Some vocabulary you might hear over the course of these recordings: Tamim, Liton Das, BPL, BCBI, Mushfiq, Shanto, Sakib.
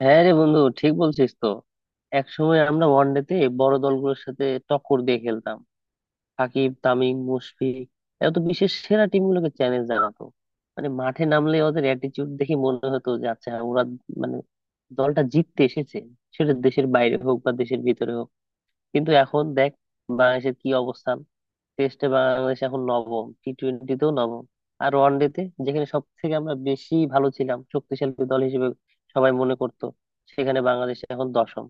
হ্যাঁ রে বন্ধু, ঠিক বলছিস তো। এক সময় আমরা ওয়ানডেতে বড় দলগুলোর সাথে টক্কর দিয়ে খেলতাম। সাকিব, তামিম, মুশফিক, এরা তো বিশ্বের সেরা টিমগুলোকে চ্যালেঞ্জ জানাতো। মানে মাঠে নামলে ওদের অ্যাটিটিউড দেখে মনে হতো যে আচ্ছা হ্যাঁ, ওরা মানে দলটা জিততে এসেছে, সেটা দেশের বাইরে হোক বা দেশের ভিতরে হোক। কিন্তু এখন দেখ বাংলাদেশের কি অবস্থান। টেস্টে বাংলাদেশ এখন নবম, টি টোয়েন্টিতেও নবম, আর ওয়ানডেতে যেখানে সব থেকে আমরা বেশি ভালো ছিলাম, শক্তিশালী দল হিসেবে সবাই মনে করতো, সেখানে বাংলাদেশ এখন দশম।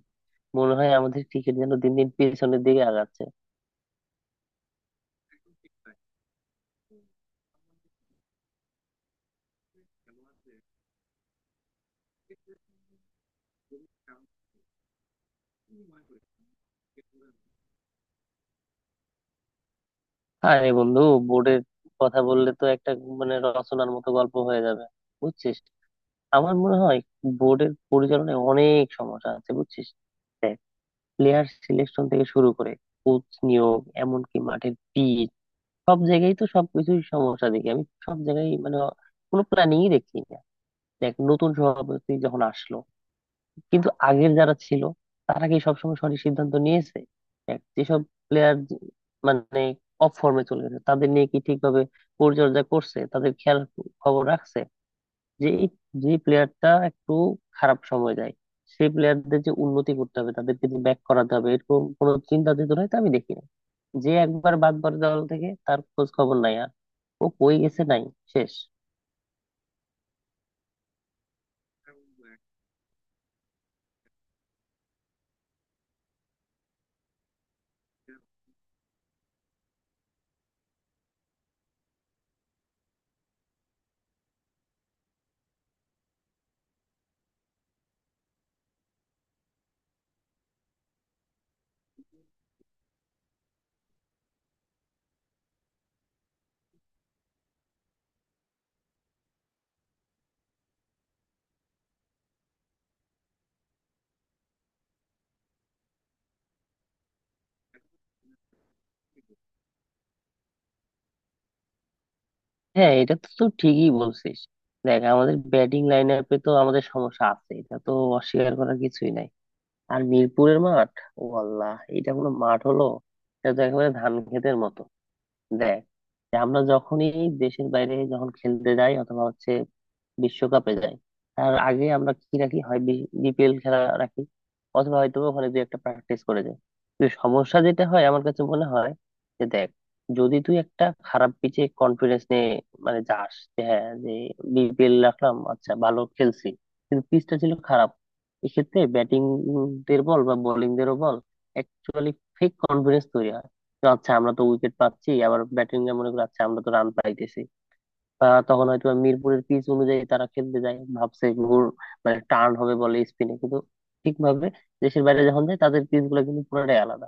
মনে হয় আমাদের ক্রিকেট যেন দিন দিন পেছনের দিকে আগাচ্ছে। আরে বন্ধু, বোর্ডের কথা বললে তো একটা মানে রচনার মতো গল্প হয়ে যাবে, বুঝছিস। আমার মনে হয় বোর্ডের পরিচালনায় অনেক সমস্যা আছে, বুঝছিস। দেখ, প্লেয়ার সিলেকশন থেকে শুরু করে কোচ নিয়োগ, এমনকি মাঠের পিচ, সব জায়গায় তো সবকিছুই সমস্যা দেখি আমি, সব জায়গায়। মানে কোনো প্ল্যানিংই দেখি না। দেখ, নতুন সভাপতি যখন আসলো, কিন্তু আগের যারা ছিল তারা কি সবসময় সঠিক সিদ্ধান্ত নিয়েছে? দেখ, যেসব প্লেয়ার মানে অফ ফর্মে চলে গেছে তাদের নিয়ে কি ঠিকভাবে পরিচর্যা করছে, তাদের খেয়াল খবর রাখছে, যে যে প্লেয়ারটা একটু খারাপ সময় যায়, সেই প্লেয়ারদের যে উন্নতি করতে হবে, তাদেরকে যে ব্যাক করাতে হবে, এরকম কোনো চিন্তা চেতনা তো আমি দেখি না। যে একবার বাদ পড়ে দল থেকে, তার খোঁজ খবর নাই আর। ও কই গেছে, নাই, শেষ। হ্যাঁ, এটা তো তুই ঠিকই বলছিস। দেখ, আমাদের ব্যাটিং লাইন আপে তো আমাদের সমস্যা আছে, এটা তো অস্বীকার করার কিছুই নাই। আর মিরপুরের মাঠ, ও আল্লাহ, এটা কোনো মাঠ হলো? এটা তো একেবারে ধান ক্ষেতের মতো দেয়। যে আমরা যখনই দেশের বাইরে যখন খেলতে যাই অথবা হচ্ছে বিশ্বকাপে যায়, তার আগে আমরা কি রাখি হয়, বিপিএল খেলা রাখি, অথবা হয়তো ওখানে দুই একটা প্র্যাকটিস করে যায়। কিন্তু সমস্যা যেটা হয় আমার কাছে মনে হয় যে দেখ, যদি তুই একটা খারাপ পিচে কনফিডেন্স নিয়ে মানে যাস যে হ্যাঁ যে বিপিএল রাখলাম, আচ্ছা ভালো খেলছি, কিন্তু পিচটা ছিল খারাপ, এক্ষেত্রে ব্যাটিং দের বল বা বোলিং দেরও বল, অ্যাকচুয়ালি ফেক কনফিডেন্স তৈরি হয় যে আচ্ছা আমরা তো উইকেট পাচ্ছি, আবার ব্যাটিং এ মনে করি আচ্ছা আমরা তো রান পাইতেছি। তখন হয়তো মিরপুরের পিচ অনুযায়ী তারা খেলতে যায় ভাবছে ঘুর মানে টার্ন হবে বলে স্পিনে, কিন্তু ঠিকভাবে দেশের বাইরে যখন যায় তাদের পিচ গুলো কিন্তু পুরোটাই আলাদা।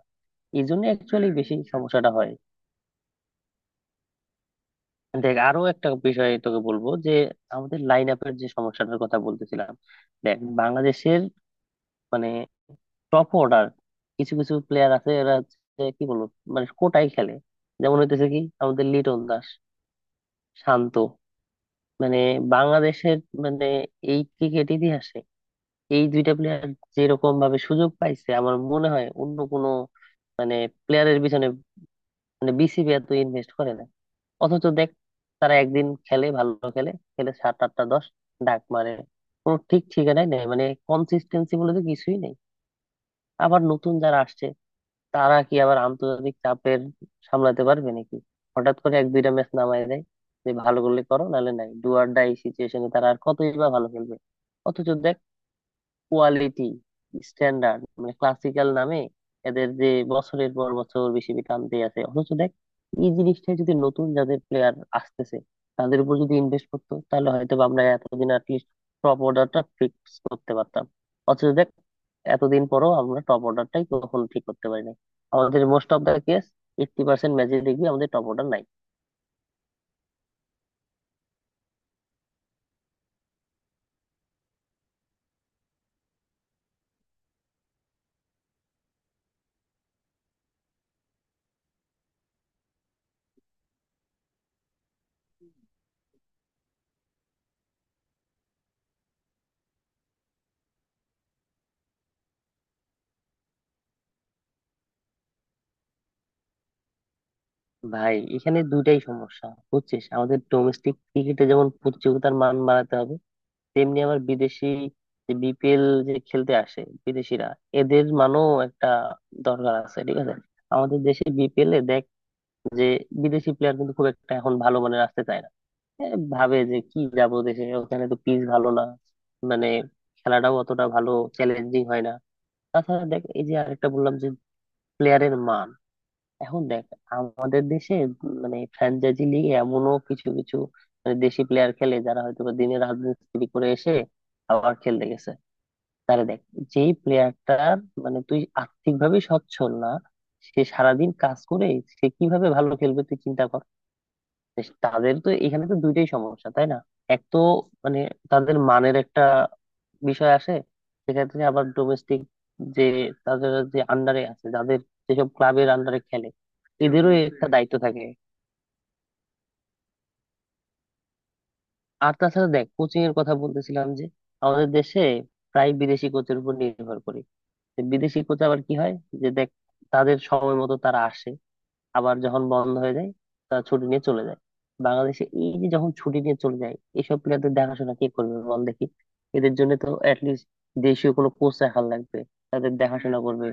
এই জন্য অ্যাকচুয়ালি বেশি সমস্যাটা হয়। দেখ, আরো একটা বিষয় তোকে বলবো যে আমাদের লাইন আপের যে সমস্যাটার কথা বলতেছিলাম, দেখ বাংলাদেশের মানে টপ অর্ডার, কিছু কিছু প্লেয়ার আছে এরা হচ্ছে কি বলবো, মানে কোটায় খেলে। যেমন হইতেছে কি আমাদের লিটন দাস, শান্ত, মানে বাংলাদেশের মানে এই ক্রিকেট ইতিহাসে এই দুইটা প্লেয়ার যেরকম ভাবে সুযোগ পাইছে, আমার মনে হয় অন্য কোনো মানে প্লেয়ারের পিছনে মানে বিসিবি এত ইনভেস্ট করে না। অথচ দেখ, তারা একদিন খেলে ভালো, খেলে খেলে সাত আটটা দশ ডাক মারে, কোনো ঠিক ঠিকানাই নেই, মানে কনসিস্টেন্সি বলে তো কিছুই নেই। আবার নতুন যারা আসছে, তারা কি আবার আন্তর্জাতিক চাপের সামলাতে পারবে নাকি? হঠাৎ করে এক দুইটা ম্যাচ নামায় দেয় যে ভালো করলে করো, নাহলে নাই, ডু অর ডাই সিচুয়েশনে তারা আর কতই বা ভালো খেলবে। অথচ দেখ, কোয়ালিটি স্ট্যান্ডার্ড মানে ক্লাসিক্যাল নামে এদের যে বছরের পর বছর বেশি টানতে আছে, অথচ দেখ এই জিনিসটা যদি নতুন যাদের প্লেয়ার আসতেছে তাদের উপর যদি ইনভেস্ট করতো, তাহলে হয়তো বা আমরা এতদিন অ্যাটলিস্ট টপ অর্ডারটা ফিক্স করতে পারতাম। অথচ দেখ, এতদিন পরও আমরা টপ অর্ডারটাই কখনো ঠিক করতে পারি নাই। আমাদের মোস্ট অফ দা কেস, 80% ম্যাচে দেখবি আমাদের টপ অর্ডার নাই। ভাই, এখানে দুইটাই সমস্যা, বুঝছিস। আমাদের ডোমেস্টিক ক্রিকেটে যেমন প্রতিযোগিতার মান বাড়াতে হবে, তেমনি আবার বিদেশি, যে বিপিএল যে খেলতে আসে বিদেশিরা, এদের মানও একটা দরকার আছে, ঠিক আছে? আমাদের দেশে বিপিএল এ দেখ, যে বিদেশি প্লেয়ার কিন্তু খুব একটা এখন ভালো মানের আসতে চায় না। এ ভাবে যে কি যাব দেশে, ওখানে তো পিচ ভালো না, মানে খেলাটাও অতটা ভালো চ্যালেঞ্জিং হয় না। তাছাড়া দেখ, এই যে আরেকটা বললাম যে প্লেয়ারের মান, এখন দেখ আমাদের দেশে মানে ফ্র্যাঞ্চাইজি লিগে এমনও কিছু কিছু মানে দেশি প্লেয়ার খেলে যারা হয়তো বা দিনে রাজমিস্ত্রি করে এসে আবার খেলতে গেছে। তারে দেখ, যেই প্লেয়ারটার মানে তুই আর্থিক ভাবে সচ্ছল না, সে সারাদিন কাজ করে, সে কিভাবে ভালো খেলবে তুই চিন্তা কর। তাদের তো এখানে তো দুইটাই সমস্যা, তাই না? এক তো মানে তাদের মানের একটা বিষয় আসে, সেক্ষেত্রে আবার ডোমেস্টিক যে তাদের যে আন্ডারে আছে, যাদের যেসব ক্লাবের আন্ডারে খেলে, এদেরও একটা দায়িত্ব থাকে। আর তাছাড়া দেখ, কোচিং এর কথা বলতেছিলাম যে আমাদের দেশে প্রায় বিদেশি কোচের উপর নির্ভর করি, যে বিদেশি কোচ আবার কি হয় যে দেখ, তাদের সময় মতো তারা আসে, আবার যখন বন্ধ হয়ে যায়, তারা ছুটি নিয়ে চলে যায়। বাংলাদেশে এই যে যখন ছুটি নিয়ে চলে যায়, এইসব প্লেয়ারদের দেখাশোনা কে করবে বল দেখি? এদের জন্য তো অ্যাটলিস্ট দেশীয় কোনো কোচ রাখার লাগবে, তাদের দেখাশোনা করবে।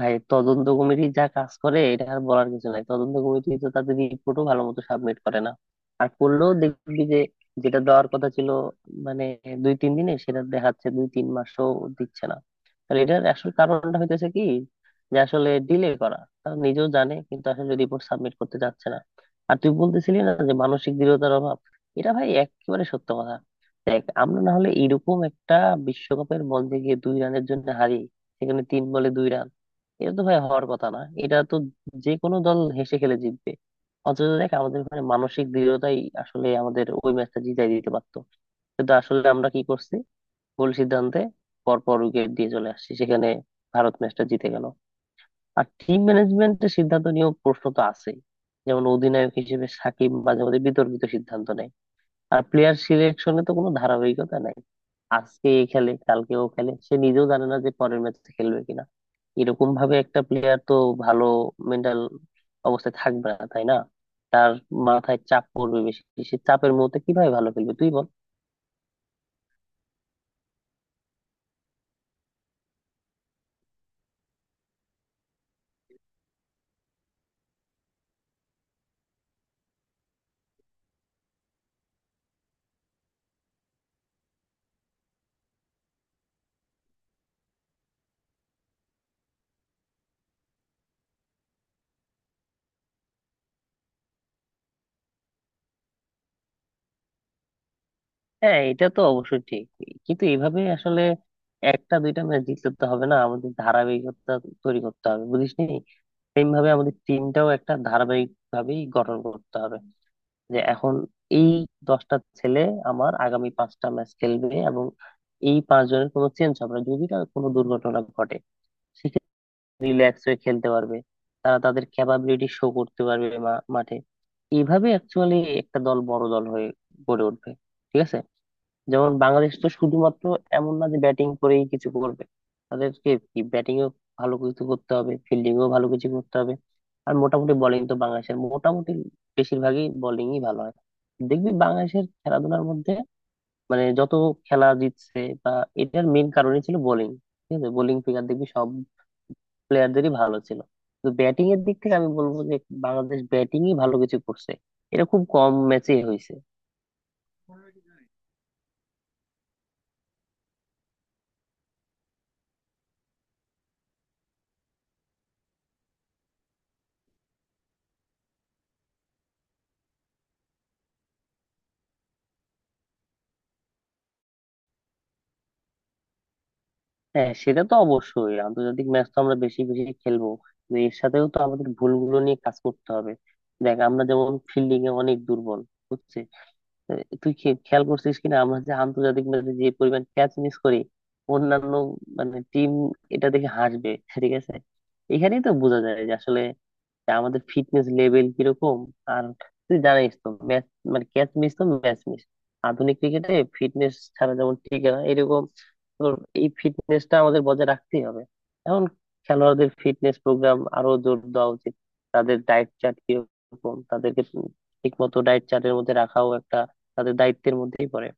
ভাই, তদন্ত কমিটি যা কাজ করে এটা আর বলার কিছু নাই। তদন্ত কমিটি তো তাদের রিপোর্টও ভালো মতো সাবমিট করে না, আর করলেও দেখবি যে যেটা দেওয়ার কথা ছিল মানে দুই তিন দিনে, সেটা দেখাচ্ছে দুই তিন মাসও দিচ্ছে না। তাহলে এটার আসল কারণটা হইতেছে কি, যে আসলে ডিলে করা তারা নিজেও জানে, কিন্তু আসলে রিপোর্ট সাবমিট করতে চাচ্ছে না। আর তুই বলতেছিলি না যে মানসিক দৃঢ়তার অভাব, এটা ভাই একেবারে সত্য কথা। দেখ, আমরা না হলে এরকম একটা বিশ্বকাপের বল দিয়ে গিয়ে 2 রানের জন্য হারি? সেখানে 3 বলে 2 রান, এটা তো ভাই হওয়ার কথা না, এটা তো যে কোনো দল হেসে খেলে জিতবে। অথচ দেখ আমাদের ওখানে মানসিক দৃঢ়তাই আসলে আমাদের ওই ম্যাচটা জিতাই দিতে পারতো। কিন্তু আসলে আমরা কি করছি, ভুল সিদ্ধান্তে পর পর উইকেট দিয়ে চলে আসছি, সেখানে ভারত ম্যাচটা জিতে গেল। আর টিম ম্যানেজমেন্টের সিদ্ধান্ত নিয়েও প্রশ্ন তো আছেই, যেমন অধিনায়ক হিসেবে সাকিব মাঝে মাঝে বিতর্কিত সিদ্ধান্ত নেয়। আর প্লেয়ার সিলেকশনে তো কোনো ধারাবাহিকতা নাই। আজকে এ খেলে, কালকে ও খেলে, সে নিজেও জানে না যে পরের ম্যাচে খেলবে কিনা। এরকম ভাবে একটা প্লেয়ার তো ভালো মেন্টাল অবস্থায় থাকবে না, তাই না? তার মাথায় চাপ পড়বে বেশি, সে চাপের মুহূর্তে কিভাবে ভালো খেলবে তুই বল। হ্যাঁ, এটা তো অবশ্যই ঠিক। কিন্তু এভাবে আসলে একটা দুইটা ম্যাচ জিতলে তো হবে না, আমাদের ধারাবাহিকতা তৈরি করতে হবে, বুঝিস নি। সেম ভাবে আমাদের টিমটাও একটা ধারাবাহিক ভাবেই গঠন করতে হবে, যে এখন এই 10টা ছেলে আমার আগামী 5টা ম্যাচ খেলবে, এবং এই 5 জনের কোনো চেঞ্জ হবে না যদি তার কোনো দুর্ঘটনা ঘটে। রিল্যাক্স হয়ে খেলতে পারবে, তারা তাদের ক্যাপাবিলিটি শো করতে পারবে মাঠে। এইভাবে অ্যাকচুয়ালি একটা দল বড় দল হয়ে গড়ে উঠবে, ঠিক আছে? যেমন বাংলাদেশ তো শুধুমাত্র এমন না যে ব্যাটিং করেই কিছু করবে, তাদেরকে কি ব্যাটিংও ভালো কিছু করতে হবে, ফিল্ডিংও ভালো কিছু করতে হবে। আর মোটামুটি বোলিং তো বাংলাদেশের মোটামুটি বেশিরভাগই বোলিংই ভালো হয়। দেখবি বাংলাদেশের খেলাধুলার মধ্যে মানে যত খেলা জিতছে বা, এটার মেইন কারণই ছিল বোলিং, ঠিক আছে। বোলিং ফিগার দেখবি সব প্লেয়ারদেরই ভালো ছিল। তো ব্যাটিং এর দিক থেকে আমি বলবো যে বাংলাদেশ ব্যাটিংই ভালো কিছু করছে, এটা খুব কম ম্যাচে হয়েছে। হ্যাঁ, সেটা তো অবশ্যই, আন্তর্জাতিক ম্যাচ তো আমরা বেশি বেশি খেলবো, কিন্তু এর সাথেও তো আমাদের ভুলগুলো নিয়ে কাজ করতে হবে। দেখ, আমরা যেমন ফিল্ডিং এ অনেক দুর্বল, বুঝছিস। এ, তুই খেয়াল করছিস কিনা আমরা যে আন্তর্জাতিক ম্যাচে যে পরিমাণ ক্যাচ মিস করি, অন্যান্য মানে টিম এটা দেখে হাসবে, ঠিক আছে। এখানেই তো বোঝা যায় যে আসলে যে আমাদের ফিটনেস লেভেল কিরকম। আর তুই জানিস তো ম্যাচ মানে ক্যাচ মিস তো ম্যাচ মিস, আধুনিক ক্রিকেটে ফিটনেস ছাড়া যেমন ঠিক না, এরকম তোর এই ফিটনেসটা আমাদের বজায় রাখতেই হবে। এখন খেলোয়াড়দের ফিটনেস প্রোগ্রাম আরো জোর দেওয়া উচিত। তাদের ডায়েট চার্ট কিরকম, তাদেরকে ঠিক মতো ডায়েট চার্টের মধ্যে রাখাও একটা তাদের দায়িত্বের মধ্যেই পড়ে।